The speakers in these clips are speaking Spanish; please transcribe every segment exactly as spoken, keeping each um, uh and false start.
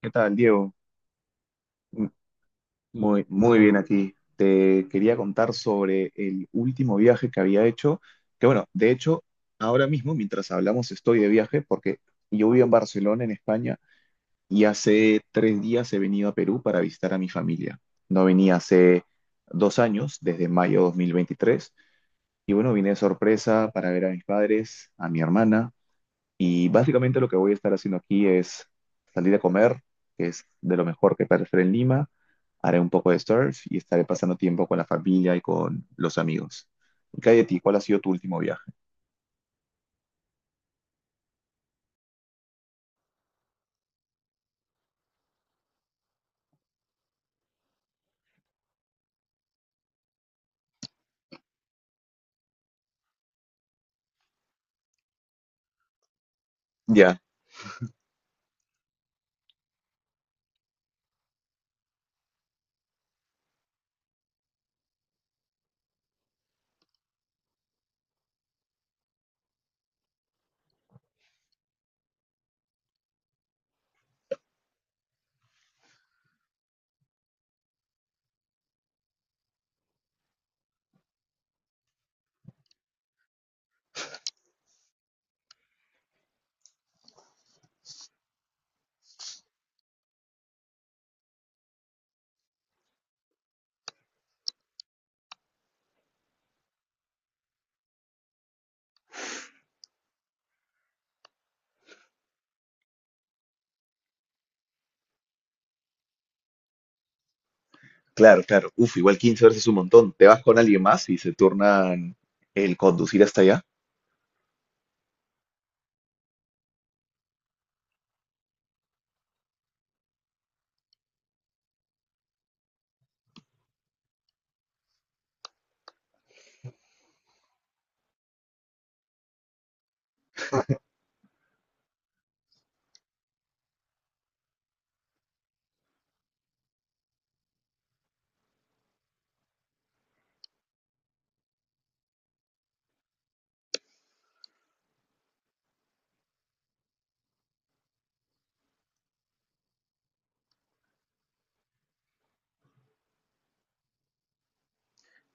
¿Qué tal, Diego? M- Muy, muy bien aquí. Te quería contar sobre el último viaje que había hecho, que bueno, de hecho, ahora mismo, mientras hablamos, estoy de viaje porque yo vivo en Barcelona, en España, y hace tres días he venido a Perú para visitar a mi familia. No venía hace dos años, desde mayo de dos mil veintitrés, y bueno, vine de sorpresa para ver a mis padres, a mi hermana, y básicamente lo que voy a estar haciendo aquí es salir a comer, que es de lo mejor que puede hacer en Lima. Haré un poco de surf y estaré pasando tiempo con la familia y con los amigos. ¿Y qué ti? ¿Cuál ha sido tu último viaje? Ya, claro, claro. Uf, igual quince horas es un montón. ¿Te vas con alguien más y se turnan el conducir hasta allá?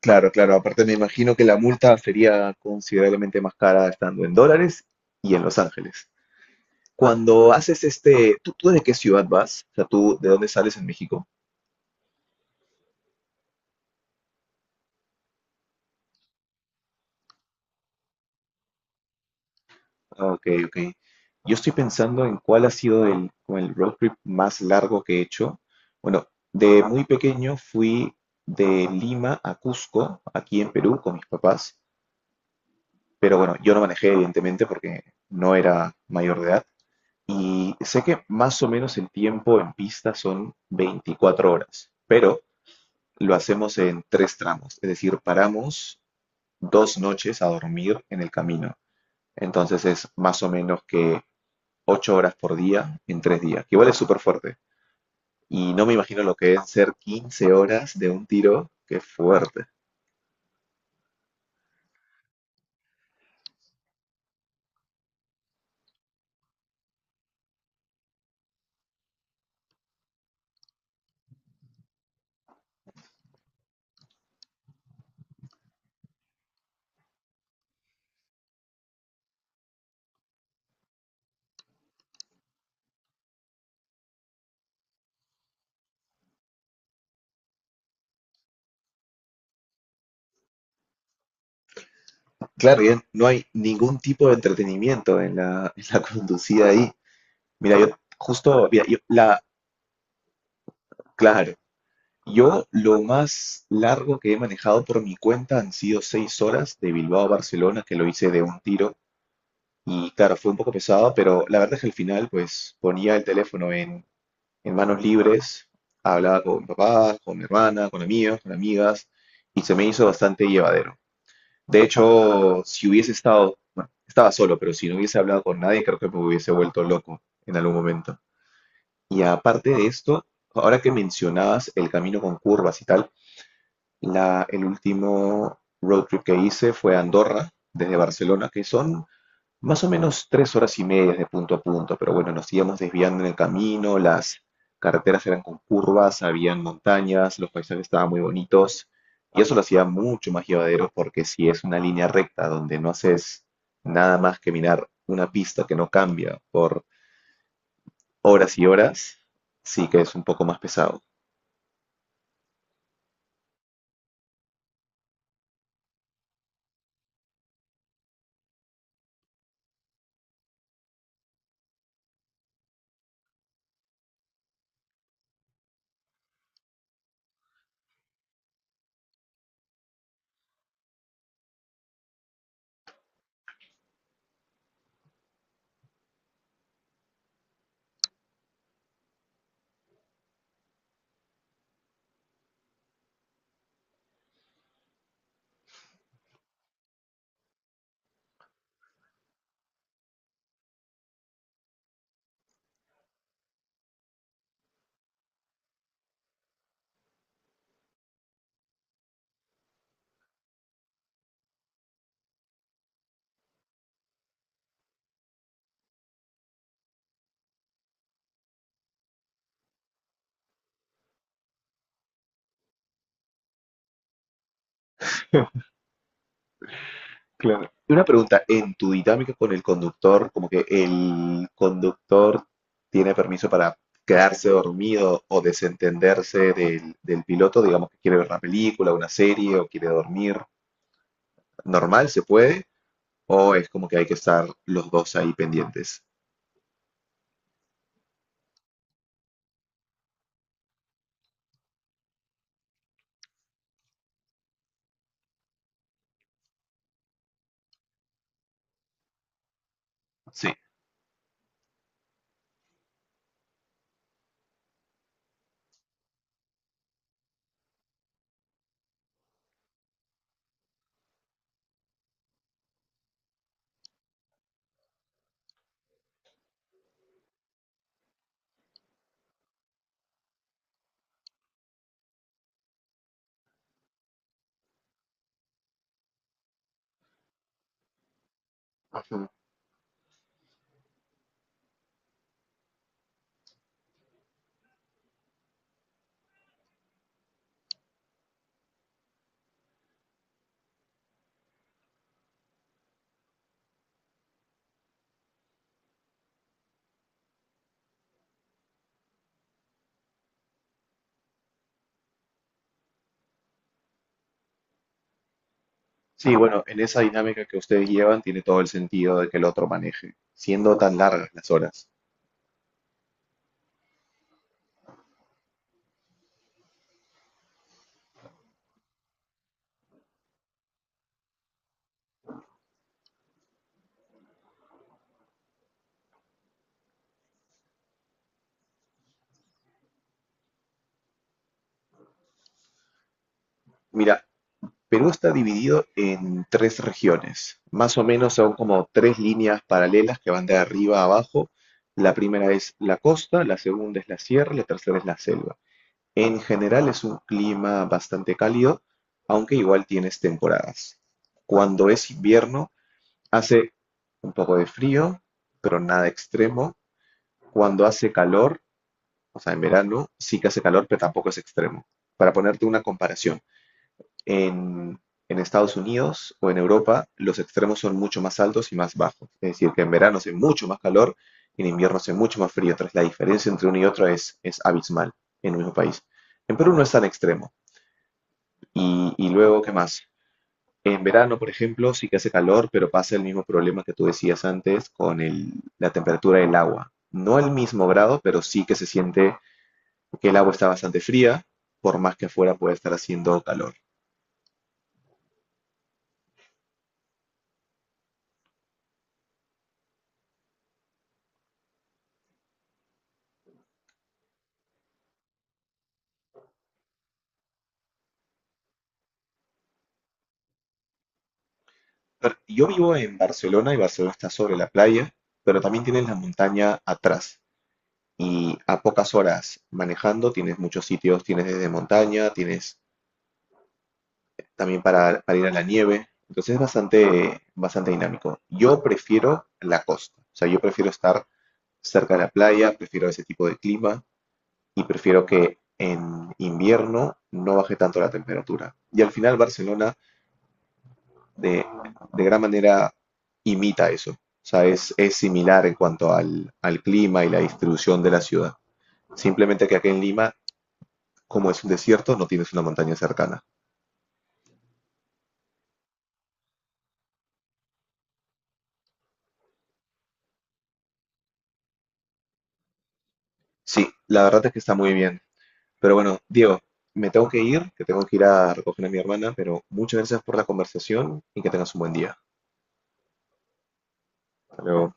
Claro, claro. Aparte me imagino que la multa sería considerablemente más cara estando en dólares y en Los Ángeles. Cuando haces este, ¿tú, tú de qué ciudad vas? O sea, ¿tú de dónde sales en México? Ah, ok, ok. Yo estoy pensando en cuál ha sido el, como el road trip más largo que he hecho. Bueno, de muy pequeño fui de Lima a Cusco, aquí en Perú, con mis papás. Pero bueno, yo no manejé, evidentemente, porque no era mayor de edad. Y sé que más o menos el tiempo en pista son veinticuatro horas, pero lo hacemos en tres tramos. Es decir, paramos dos noches a dormir en el camino. Entonces es más o menos que ocho horas por día en tres días, que igual es súper fuerte. Y no me imagino lo que es ser quince horas de un tiro, que es fuerte. Claro, y no hay ningún tipo de entretenimiento en la, en la conducida ahí. Mira, yo justo, mira, yo- la, claro, yo lo más largo que he manejado por mi cuenta han sido seis horas de Bilbao a Barcelona, que lo hice de un tiro. Y claro, fue un poco pesado, pero la verdad es que al final, pues ponía el teléfono en en manos libres, hablaba con papás, con mi hermana, con amigos, con amigas, y se me hizo bastante llevadero. De hecho, si hubiese estado, bueno, estaba solo, pero si no hubiese hablado con nadie, creo que me hubiese vuelto loco en algún momento. Y aparte de esto, ahora que mencionabas el camino con curvas y tal, la, el último road trip que hice fue a Andorra, desde Barcelona, que son más o menos tres horas y media de punto a punto, pero bueno, nos íbamos desviando en el camino, las carreteras eran con curvas, habían montañas, los paisajes estaban muy bonitos, y eso lo hacía mucho más llevadero porque si es una línea recta donde no haces nada más que mirar una pista que no cambia por horas y horas, sí que es un poco más pesado. Claro. Y una pregunta, en tu dinámica con el conductor, como que el conductor tiene permiso para quedarse dormido o desentenderse del, del piloto, digamos que quiere ver una película, una serie o quiere dormir, ¿normal se puede? ¿O es como que hay que estar los dos ahí pendientes? Sí. Ujú. Sí, bueno, en esa dinámica que ustedes llevan tiene todo el sentido de que el otro maneje, siendo tan largas las horas. Mira, Perú está dividido en tres regiones, más o menos son como tres líneas paralelas que van de arriba a abajo. La primera es la costa, la segunda es la sierra, la tercera es la selva. En general es un clima bastante cálido, aunque igual tienes temporadas. Cuando es invierno hace un poco de frío, pero nada extremo. Cuando hace calor, o sea, en verano sí que hace calor, pero tampoco es extremo. Para ponerte una comparación. En, en Estados Unidos o en Europa los extremos son mucho más altos y más bajos. Es decir, que en verano hace mucho más calor y en invierno hace mucho más frío. Entonces la diferencia entre uno y otro es, es abismal en el mismo país. En Perú no es tan extremo. Y, y luego, ¿qué más? En verano, por ejemplo, sí que hace calor, pero pasa el mismo problema que tú decías antes con el- la temperatura del agua. No el mismo grado, pero sí que se siente que el agua está bastante fría, por más que afuera pueda estar haciendo calor. Per- Yo vivo en Barcelona y Barcelona está sobre la playa, pero también tienes la montaña atrás. Y a pocas horas manejando tienes muchos sitios, tienes desde montaña, tienes también para, para ir a la nieve. Entonces es bastante, bastante dinámico. Yo prefiero la costa. O sea, yo prefiero estar cerca de la playa, prefiero ese tipo de clima y prefiero que en invierno no baje tanto la temperatura. Y al final Barcelona de, de gran manera imita eso. O sea, es, es similar en cuanto al, al clima y la distribución de la ciudad. Simplemente que aquí en Lima, como es un desierto, no tienes una montaña cercana. Sí, la verdad es que está muy bien. Pero bueno, Diego, me tengo que ir, que tengo que ir a recoger a mi hermana, pero muchas gracias por la conversación y que tengas un buen día. Hasta luego.